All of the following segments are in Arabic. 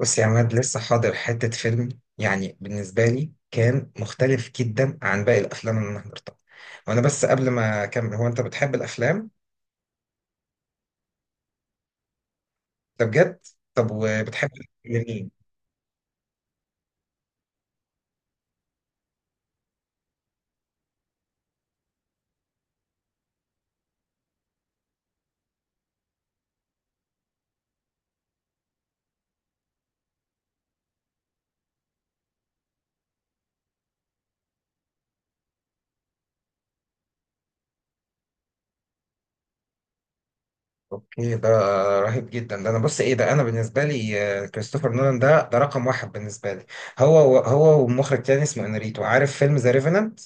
بص يا عماد، لسه حاضر حتة فيلم. يعني بالنسبة لي كان مختلف جدا عن باقي الأفلام اللي أنا حضرتها. وأنا بس قبل ما أكمل، هو أنت بتحب الأفلام؟ ده بجد؟ طب وبتحب مين؟ أوكي، ده رهيب جدا. ده أنا بص إيه، ده أنا بالنسبة لي كريستوفر نولان ده ده رقم واحد بالنسبة لي. هو ومخرج تاني اسمه إنريتو، عارف فيلم ذا ريفننت؟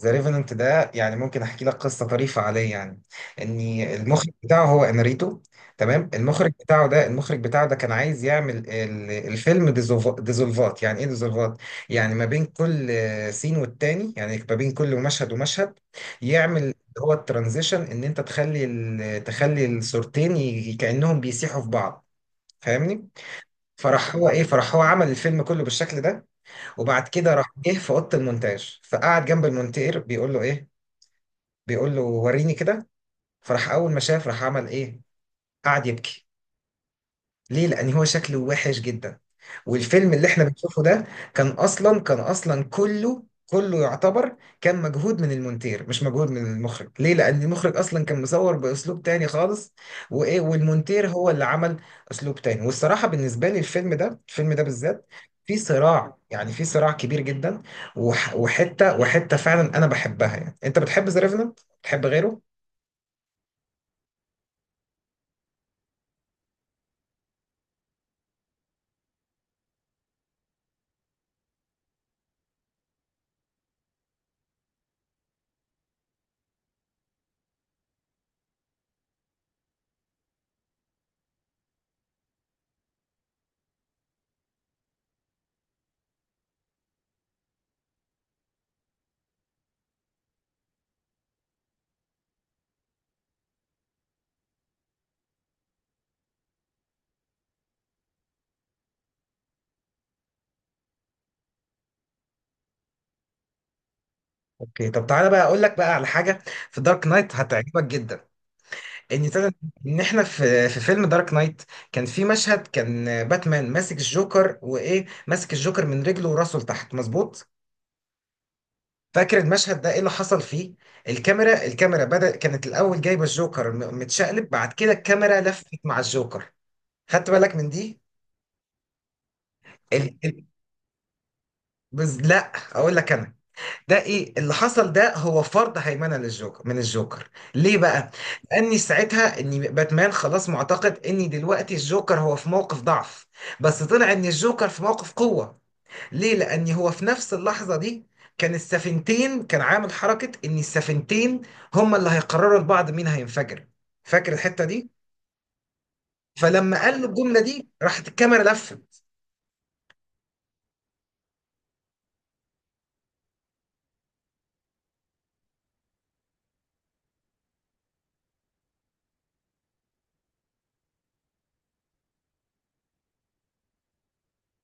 ذا ريفننت ده يعني ممكن احكي لك قصه طريفه عليه. يعني اني اه المخرج بتاعه هو انريتو، تمام؟ المخرج بتاعه ده، كان عايز يعمل الفيلم ديزولفات. يعني ايه ديزولفات؟ يعني ما بين كل سين والتاني، يعني ما بين كل مشهد ومشهد يعمل اللي هو الترانزيشن، ان انت تخلي تخلي الصورتين كانهم بيسيحوا في بعض، فاهمني؟ فراح هو ايه، فراح هو عمل الفيلم كله بالشكل ده. وبعد كده راح جه في اوضه المونتاج، فقعد جنب المونتير بيقول له ايه، بيقول له وريني كده. فراح اول ما شاف راح عمل ايه، قعد يبكي. ليه؟ لان هو شكله وحش جدا، والفيلم اللي احنا بنشوفه ده كان اصلا كله، كله يعتبر كان مجهود من المونتير، مش مجهود من المخرج. ليه؟ لان المخرج اصلا كان مصور باسلوب تاني خالص، وايه، والمونتير هو اللي عمل اسلوب تاني. والصراحه بالنسبه لي الفيلم ده، الفيلم ده بالذات في صراع، يعني في صراع كبير جدا. وحته وحته فعلا انا بحبها. يعني انت بتحب ذا ريفننت؟ بتحب غيره؟ اوكي، طب تعالى بقى اقول لك بقى على حاجه في دارك نايت هتعجبك جدا. ان تد- ان احنا في في فيلم دارك نايت كان في مشهد، كان باتمان ماسك الجوكر، وايه، ماسك الجوكر من رجله وراسه لتحت، مظبوط؟ فاكر المشهد ده ايه اللي حصل فيه؟ الكاميرا، الكاميرا كانت الاول جايبه الجوكر متشقلب، بعد كده الكاميرا لفت مع الجوكر، خدت بالك من دي؟ ال... ال... لا، اقول لك انا ده ايه اللي حصل. ده هو فرض هيمنه للجوكر، من الجوكر. ليه بقى؟ لاني ساعتها ان باتمان خلاص معتقد ان دلوقتي الجوكر هو في موقف ضعف، بس طلع ان الجوكر في موقف قوة. ليه؟ لان هو في نفس اللحظة دي كان السفينتين، كان عامل حركة ان السفينتين هما اللي هيقرروا لبعض مين هينفجر. فاكر الحتة دي؟ فلما قال له الجملة دي راحت الكاميرا لفت.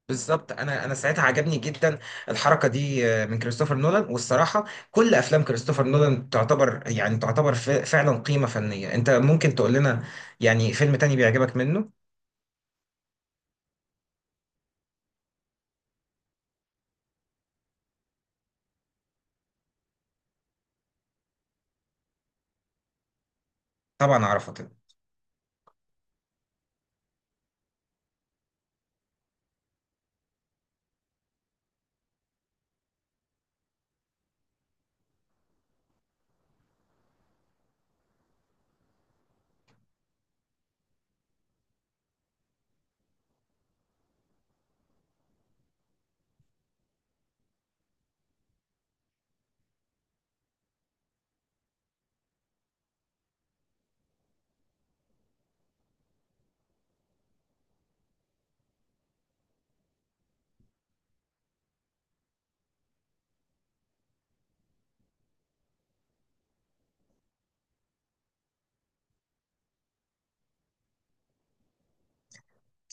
بالظبط، انا ساعتها عجبني جدا الحركه دي من كريستوفر نولان. والصراحه كل افلام كريستوفر نولان تعتبر، يعني تعتبر فعلا قيمه فنيه. انت ممكن تقول لنا يعني فيلم تاني بيعجبك منه؟ طبعا اعرفه طبعا.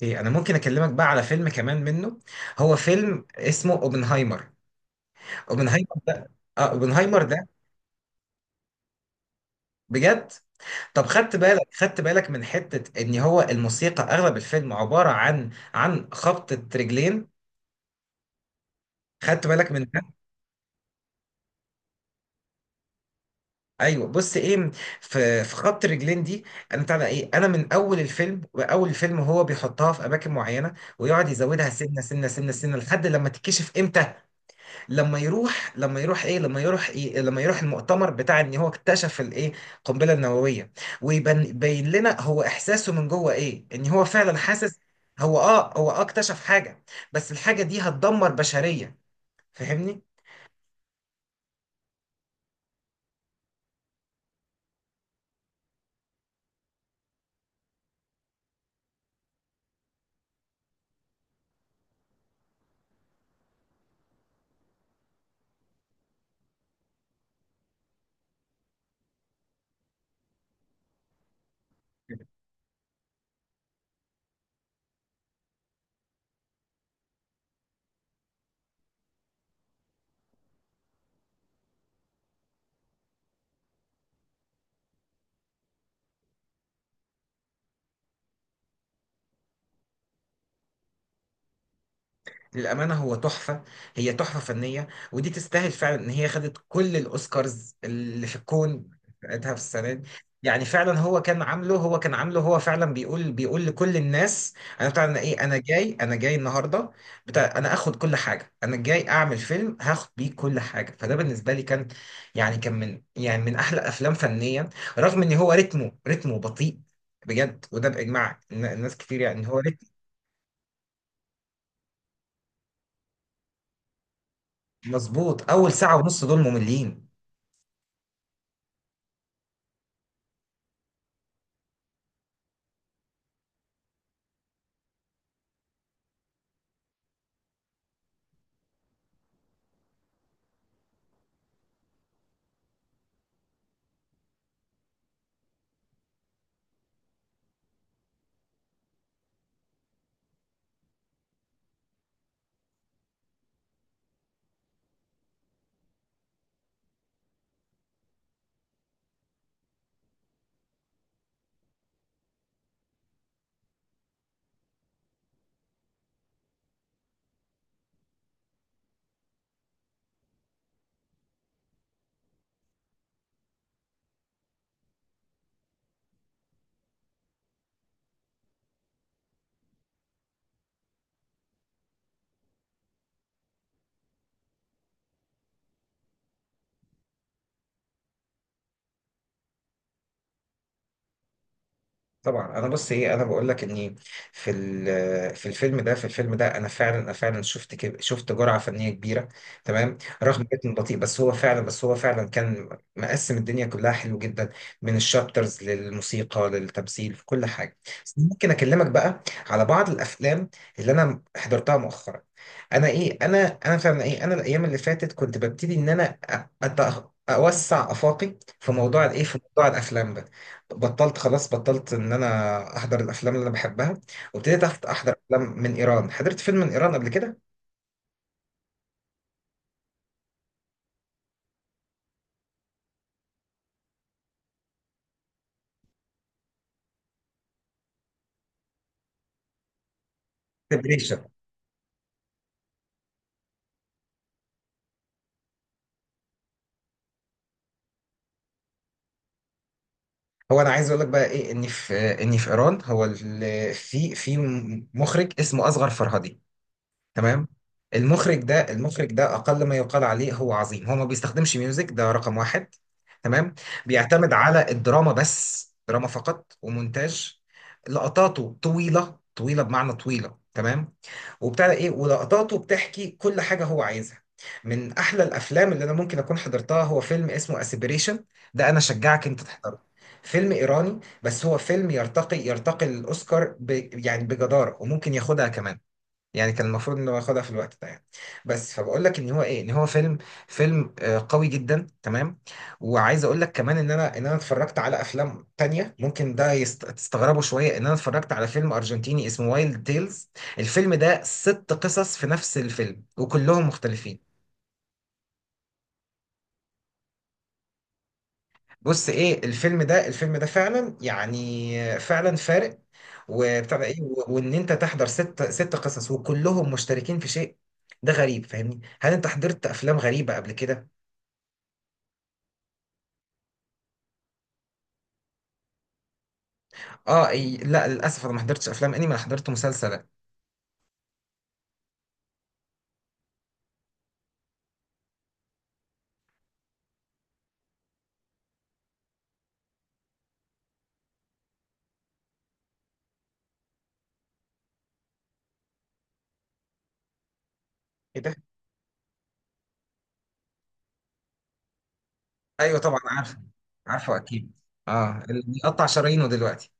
انا ممكن اكلمك بقى على فيلم كمان منه، هو فيلم اسمه اوبنهايمر. اوبنهايمر ده، اه، اوبنهايمر ده بجد. طب خدت بالك خدت بالك من حته ان هو الموسيقى اغلب الفيلم عباره عن عن خبطه رجلين؟ خدت بالك من ايوه؟ بص ايه، في في خط رجلين دي، انا بتاع ده ايه، انا من اول الفيلم، واول الفيلم هو بيحطها في اماكن معينه، ويقعد يزودها سنه سنه سنه سنه لحد لما تتكشف امتى، لما يروح، لما يروح ايه لما يروح ايه لما يروح المؤتمر بتاع ان هو اكتشف الايه، القنبله النوويه. ويبين لنا هو احساسه من جوه ايه، ان هو فعلا حاسس هو اه، هو اكتشف حاجه، بس الحاجه دي هتدمر بشريه، فاهمني؟ للأمانة هو تحفة، هي تحفة فنية، ودي تستاهل فعلا إن هي خدت كل الأوسكارز اللي في الكون بتاعتها في السنة دي. يعني فعلا هو كان عامله، هو فعلا بيقول، بيقول لكل الناس أنا بتاع، أنا إيه، أنا جاي، أنا جاي النهاردة بتاع، أنا آخد كل حاجة، أنا جاي أعمل فيلم هاخد بيه كل حاجة. فده بالنسبة لي كان يعني كان من، يعني من أحلى أفلام فنيا، رغم إن هو رتمه، رتمه بطيء، بجد، وده بإجماع الناس كتير يعني، إن هو رتم مظبوط. أول ساعة ونص دول مملين. طبعا انا بص ايه، انا بقول لك اني في في الفيلم ده، انا فعلا، انا فعلا شفت شفت جرعه فنيه كبيره، تمام؟ رغم كده بطيء، بس هو فعلا، كان مقسم الدنيا كلها حلو جدا، من الشابترز للموسيقى للتمثيل، في كل حاجه. بس ممكن اكلمك بقى على بعض الافلام اللي انا حضرتها مؤخرا. انا ايه، انا فعلا ايه، انا الايام اللي فاتت كنت ببتدي ان انا اوسع افاقي في موضوع الايه، في موضوع الافلام ده. بطلت خلاص ان انا احضر الافلام اللي انا بحبها، وابتديت احضر افلام من ايران، حضرت فيلم من ايران قبل كده، بريشة. هو انا عايز اقول لك بقى ايه، ان في، ان في ايران هو في مخرج اسمه اصغر فرهادي، تمام؟ المخرج ده، اقل ما يقال عليه هو عظيم. هو ما بيستخدمش ميوزك، ده رقم واحد، تمام؟ بيعتمد على الدراما بس، دراما فقط ومونتاج. لقطاته طويلة، طويلة، بمعنى طويلة، تمام؟ وبتاع ده ايه، ولقطاته بتحكي كل حاجة هو عايزها. من احلى الافلام اللي انا ممكن اكون حضرتها هو فيلم اسمه اسبريشن، ده انا شجعك انت تحضره. فيلم ايراني، بس هو فيلم يرتقي، يرتقي للاوسكار ب... يعني بجدارة، وممكن ياخدها كمان، يعني كان المفروض انه ياخدها في الوقت ده يعني. بس فبقول لك ان هو ايه، ان هو فيلم، فيلم قوي جدا، تمام. وعايز اقول لك كمان ان انا، ان انا اتفرجت على افلام تانية ممكن ده تستغربوا شوية، ان انا اتفرجت على فيلم ارجنتيني اسمه وايلد تيلز. الفيلم ده ست قصص في نفس الفيلم، وكلهم مختلفين. بص ايه، الفيلم ده، الفيلم ده فعلا يعني فعلا فارق، وبتاع ده ايه، وان انت تحضر ست، ست قصص وكلهم مشتركين في شيء، ده غريب، فاهمني؟ هل انت حضرت افلام غريبه قبل كده؟ اه، إي، لا للاسف انا ما حضرتش افلام انمي، انا حضرت مسلسلات. ايه ده؟ ايوه طبعا عارفه، عارفه اكيد. اه، اللي بيقطع شرايينه دلوقتي.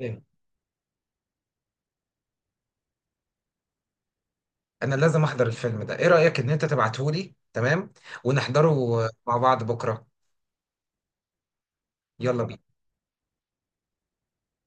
إيه. انا لازم احضر الفيلم ده. ايه رايك ان انت تبعته لي، تمام؟ ونحضره مع بعض بكره. يلا بينا.